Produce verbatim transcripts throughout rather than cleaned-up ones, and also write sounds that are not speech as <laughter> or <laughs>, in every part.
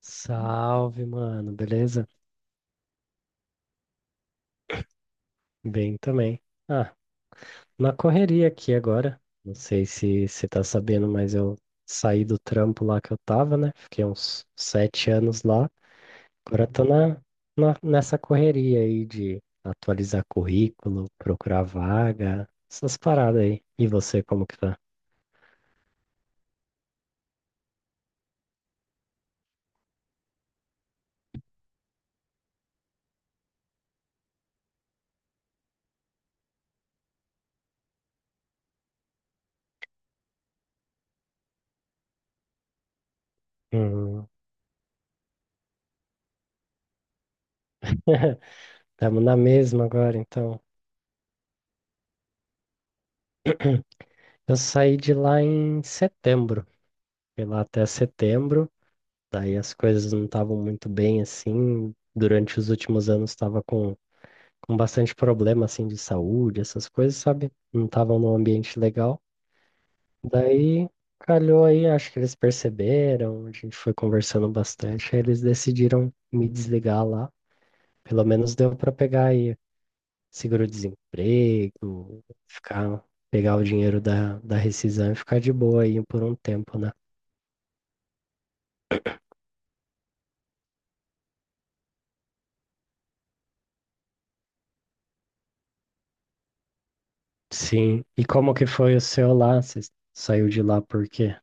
Salve, mano, beleza? Bem também. Ah, na correria aqui agora. Não sei se você tá sabendo, mas eu saí do trampo lá que eu tava, né? Fiquei uns sete anos lá. Agora tô na, na- nessa correria aí de atualizar currículo, procurar vaga, essas paradas aí. E você, como que tá? Hum. <laughs> Tamo na mesma agora, então. Eu saí de lá em setembro. Fui lá até setembro. Daí as coisas não estavam muito bem assim. Durante os últimos anos estava com, com bastante problema assim de saúde, essas coisas, sabe? Não estavam num ambiente legal. Daí calhou aí, acho que eles perceberam, a gente foi conversando bastante, aí eles decidiram me desligar lá. Pelo menos deu para pegar aí seguro-desemprego, ficar, pegar o dinheiro da, da rescisão e ficar de boa aí por um tempo, né? Sim. E como que foi o seu lá? Você saiu de lá por quê?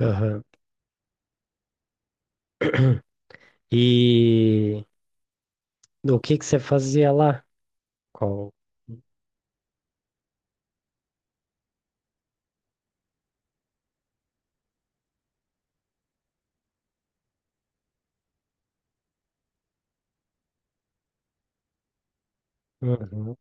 Aham. E o que que você fazia lá? Qual? Uhum.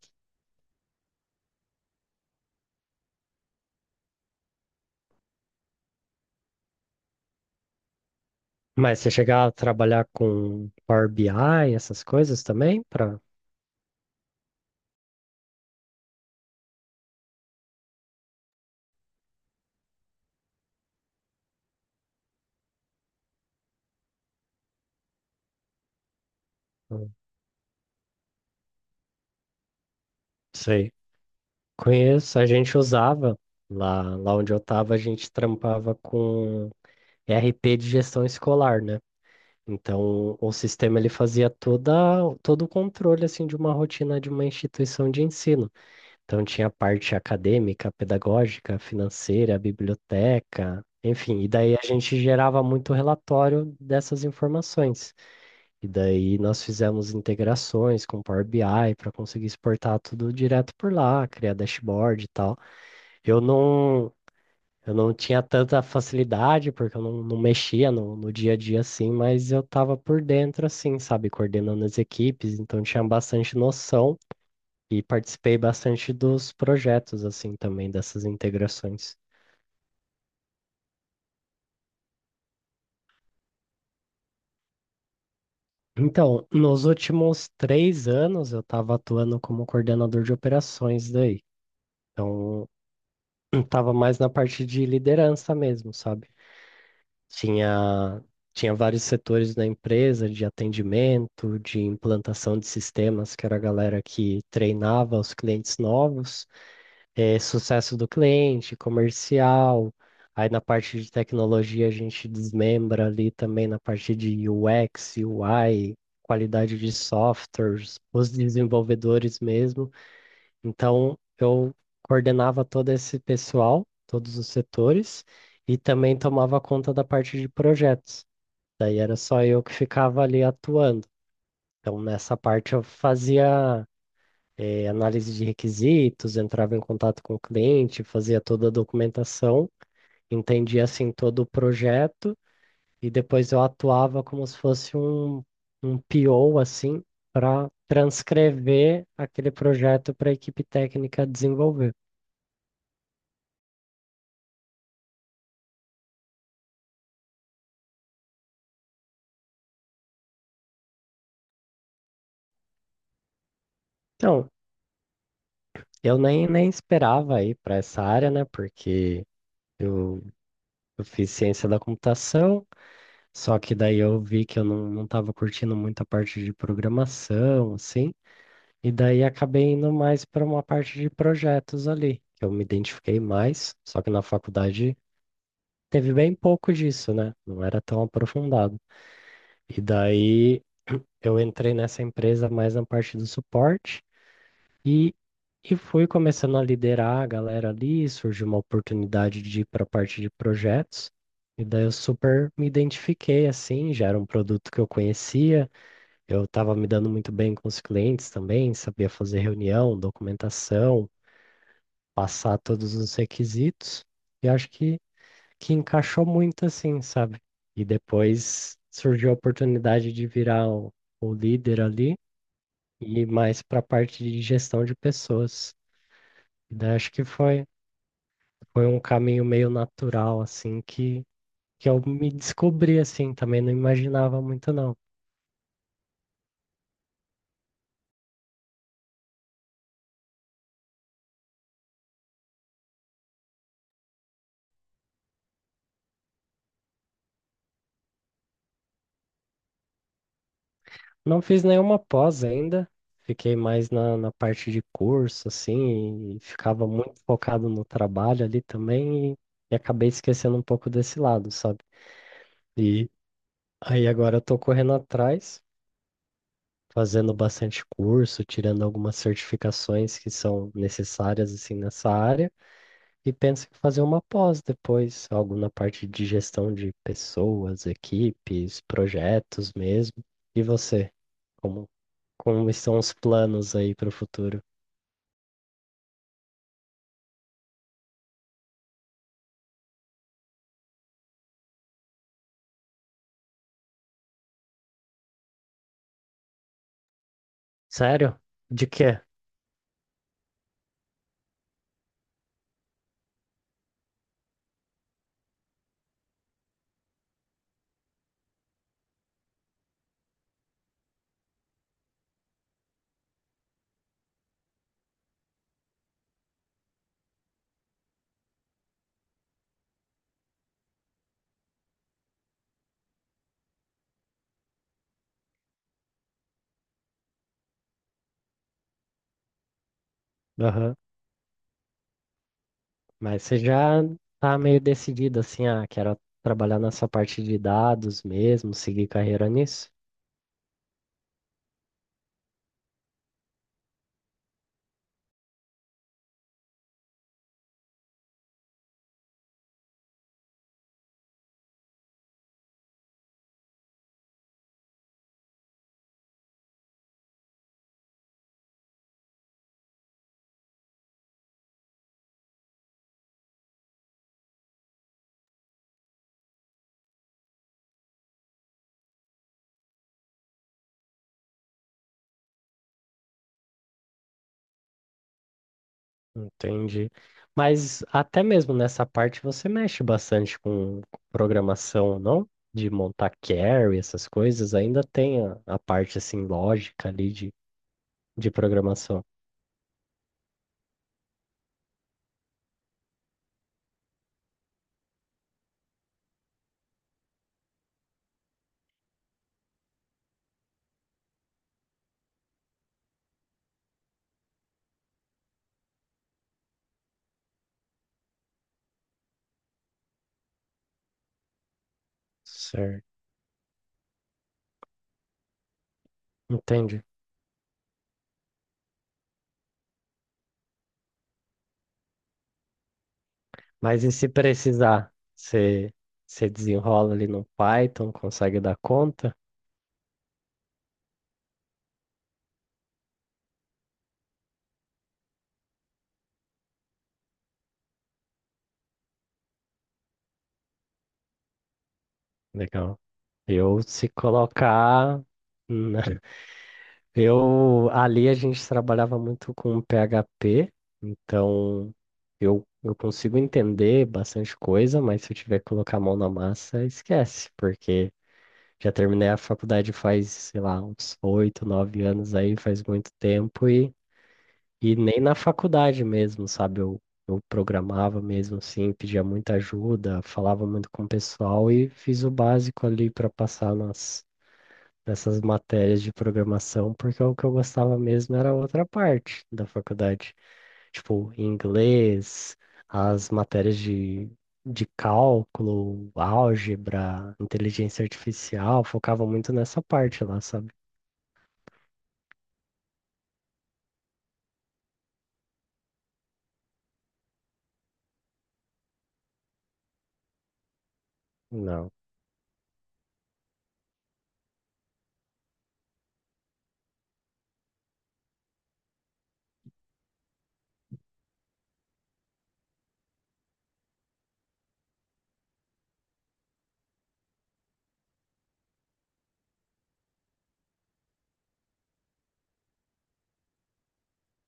Mas você chegava a trabalhar com Power B I, essas coisas também? Pra. Hum. Sei. Conheço, a gente usava lá, lá onde eu estava, a gente trampava com R P de gestão escolar, né? Então, o sistema ele fazia toda, todo o controle assim de uma rotina de uma instituição de ensino. Então tinha a parte acadêmica, pedagógica, financeira, biblioteca, enfim, e daí a gente gerava muito relatório dessas informações. E daí nós fizemos integrações com Power B I para conseguir exportar tudo direto por lá, criar dashboard e tal. Eu não, eu não tinha tanta facilidade porque eu não, não mexia no, no dia a dia assim, mas eu estava por dentro assim, sabe, coordenando as equipes, então tinha bastante noção e participei bastante dos projetos, assim, também, dessas integrações. Então, nos últimos três anos, eu estava atuando como coordenador de operações daí. Então, <clears throat> estava mais na parte de liderança mesmo, sabe? Tinha, tinha vários setores da empresa, de atendimento, de implantação de sistemas, que era a galera que treinava os clientes novos. Eh, sucesso do cliente, comercial. Aí na parte de tecnologia a gente desmembra ali também na parte de U X, U I, qualidade de softwares, os desenvolvedores mesmo. Então eu coordenava todo esse pessoal, todos os setores, e também tomava conta da parte de projetos. Daí era só eu que ficava ali atuando. Então nessa parte eu fazia eh, análise de requisitos, entrava em contato com o cliente, fazia toda a documentação, entendia assim todo o projeto e depois eu atuava como se fosse um, um P O assim para transcrever aquele projeto para a equipe técnica desenvolver. Então, eu nem, nem esperava ir para essa área, né? Porque eu, eu fiz ciência da computação, só que daí eu vi que eu não, não estava curtindo muito a parte de programação, assim. E daí acabei indo mais para uma parte de projetos ali, que eu me identifiquei mais, só que na faculdade teve bem pouco disso, né? Não era tão aprofundado. E daí eu entrei nessa empresa mais na parte do suporte e, e fui começando a liderar a galera ali, surgiu uma oportunidade de ir para a parte de projetos. E daí eu super me identifiquei assim, já era um produto que eu conhecia, eu estava me dando muito bem com os clientes também, sabia fazer reunião, documentação, passar todos os requisitos e acho que, que encaixou muito assim, sabe? E depois surgiu a oportunidade de virar o, o líder ali e ir mais para a parte de gestão de pessoas. E daí acho que foi, foi um caminho meio natural, assim, que, que eu me descobri, assim, também não imaginava muito não. Não fiz nenhuma pós ainda, fiquei mais na, na parte de curso, assim, e ficava muito focado no trabalho ali também, e, e acabei esquecendo um pouco desse lado, sabe? E aí agora eu tô correndo atrás, fazendo bastante curso, tirando algumas certificações que são necessárias, assim, nessa área, e penso em fazer uma pós depois, algo na parte de gestão de pessoas, equipes, projetos mesmo. E você? Como, Como estão os planos aí para o futuro? Sério? De quê? Aham. Mas você já tá meio decidido assim, ah, quero trabalhar nessa parte de dados mesmo, seguir carreira nisso? Entendi. Mas até mesmo nessa parte você mexe bastante com com programação, não? De montar carry, essas coisas, ainda tem a, a parte assim lógica ali de, de programação. Certo. Entendi. Mas e se precisar, você você desenrola ali no Python, consegue dar conta? Legal. Eu se colocar, né? <laughs> Eu ali a gente trabalhava muito com P H P, então eu, eu consigo entender bastante coisa, mas se eu tiver que colocar a mão na massa, esquece, porque já terminei a faculdade faz, sei lá, uns oito, nove anos aí, faz muito tempo. E nem na faculdade mesmo, sabe? Eu, eu programava mesmo assim, pedia muita ajuda, falava muito com o pessoal e fiz o básico ali para passar nas, nessas matérias de programação, porque o que eu gostava mesmo era a outra parte da faculdade, tipo inglês, as matérias de, de cálculo, álgebra, inteligência artificial, focava muito nessa parte lá, sabe? Não.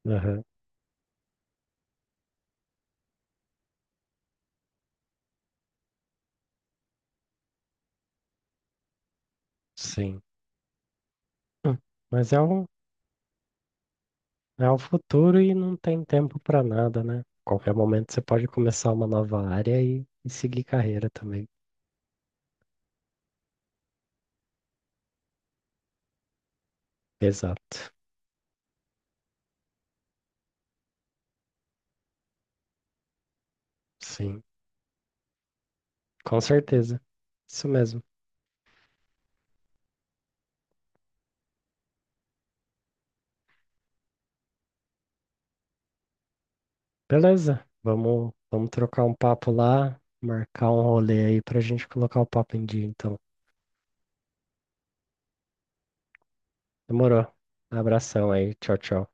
Aham. Sim. Hum, Mas é um, É o futuro e não tem tempo para nada, né? Qualquer momento você pode começar uma nova área e, e seguir carreira também. Exato. Sim, com certeza. Isso mesmo. Beleza. Vamos, vamos trocar um papo lá, marcar um rolê aí pra gente colocar o papo em dia, então. Demorou. Abração aí. Tchau, tchau.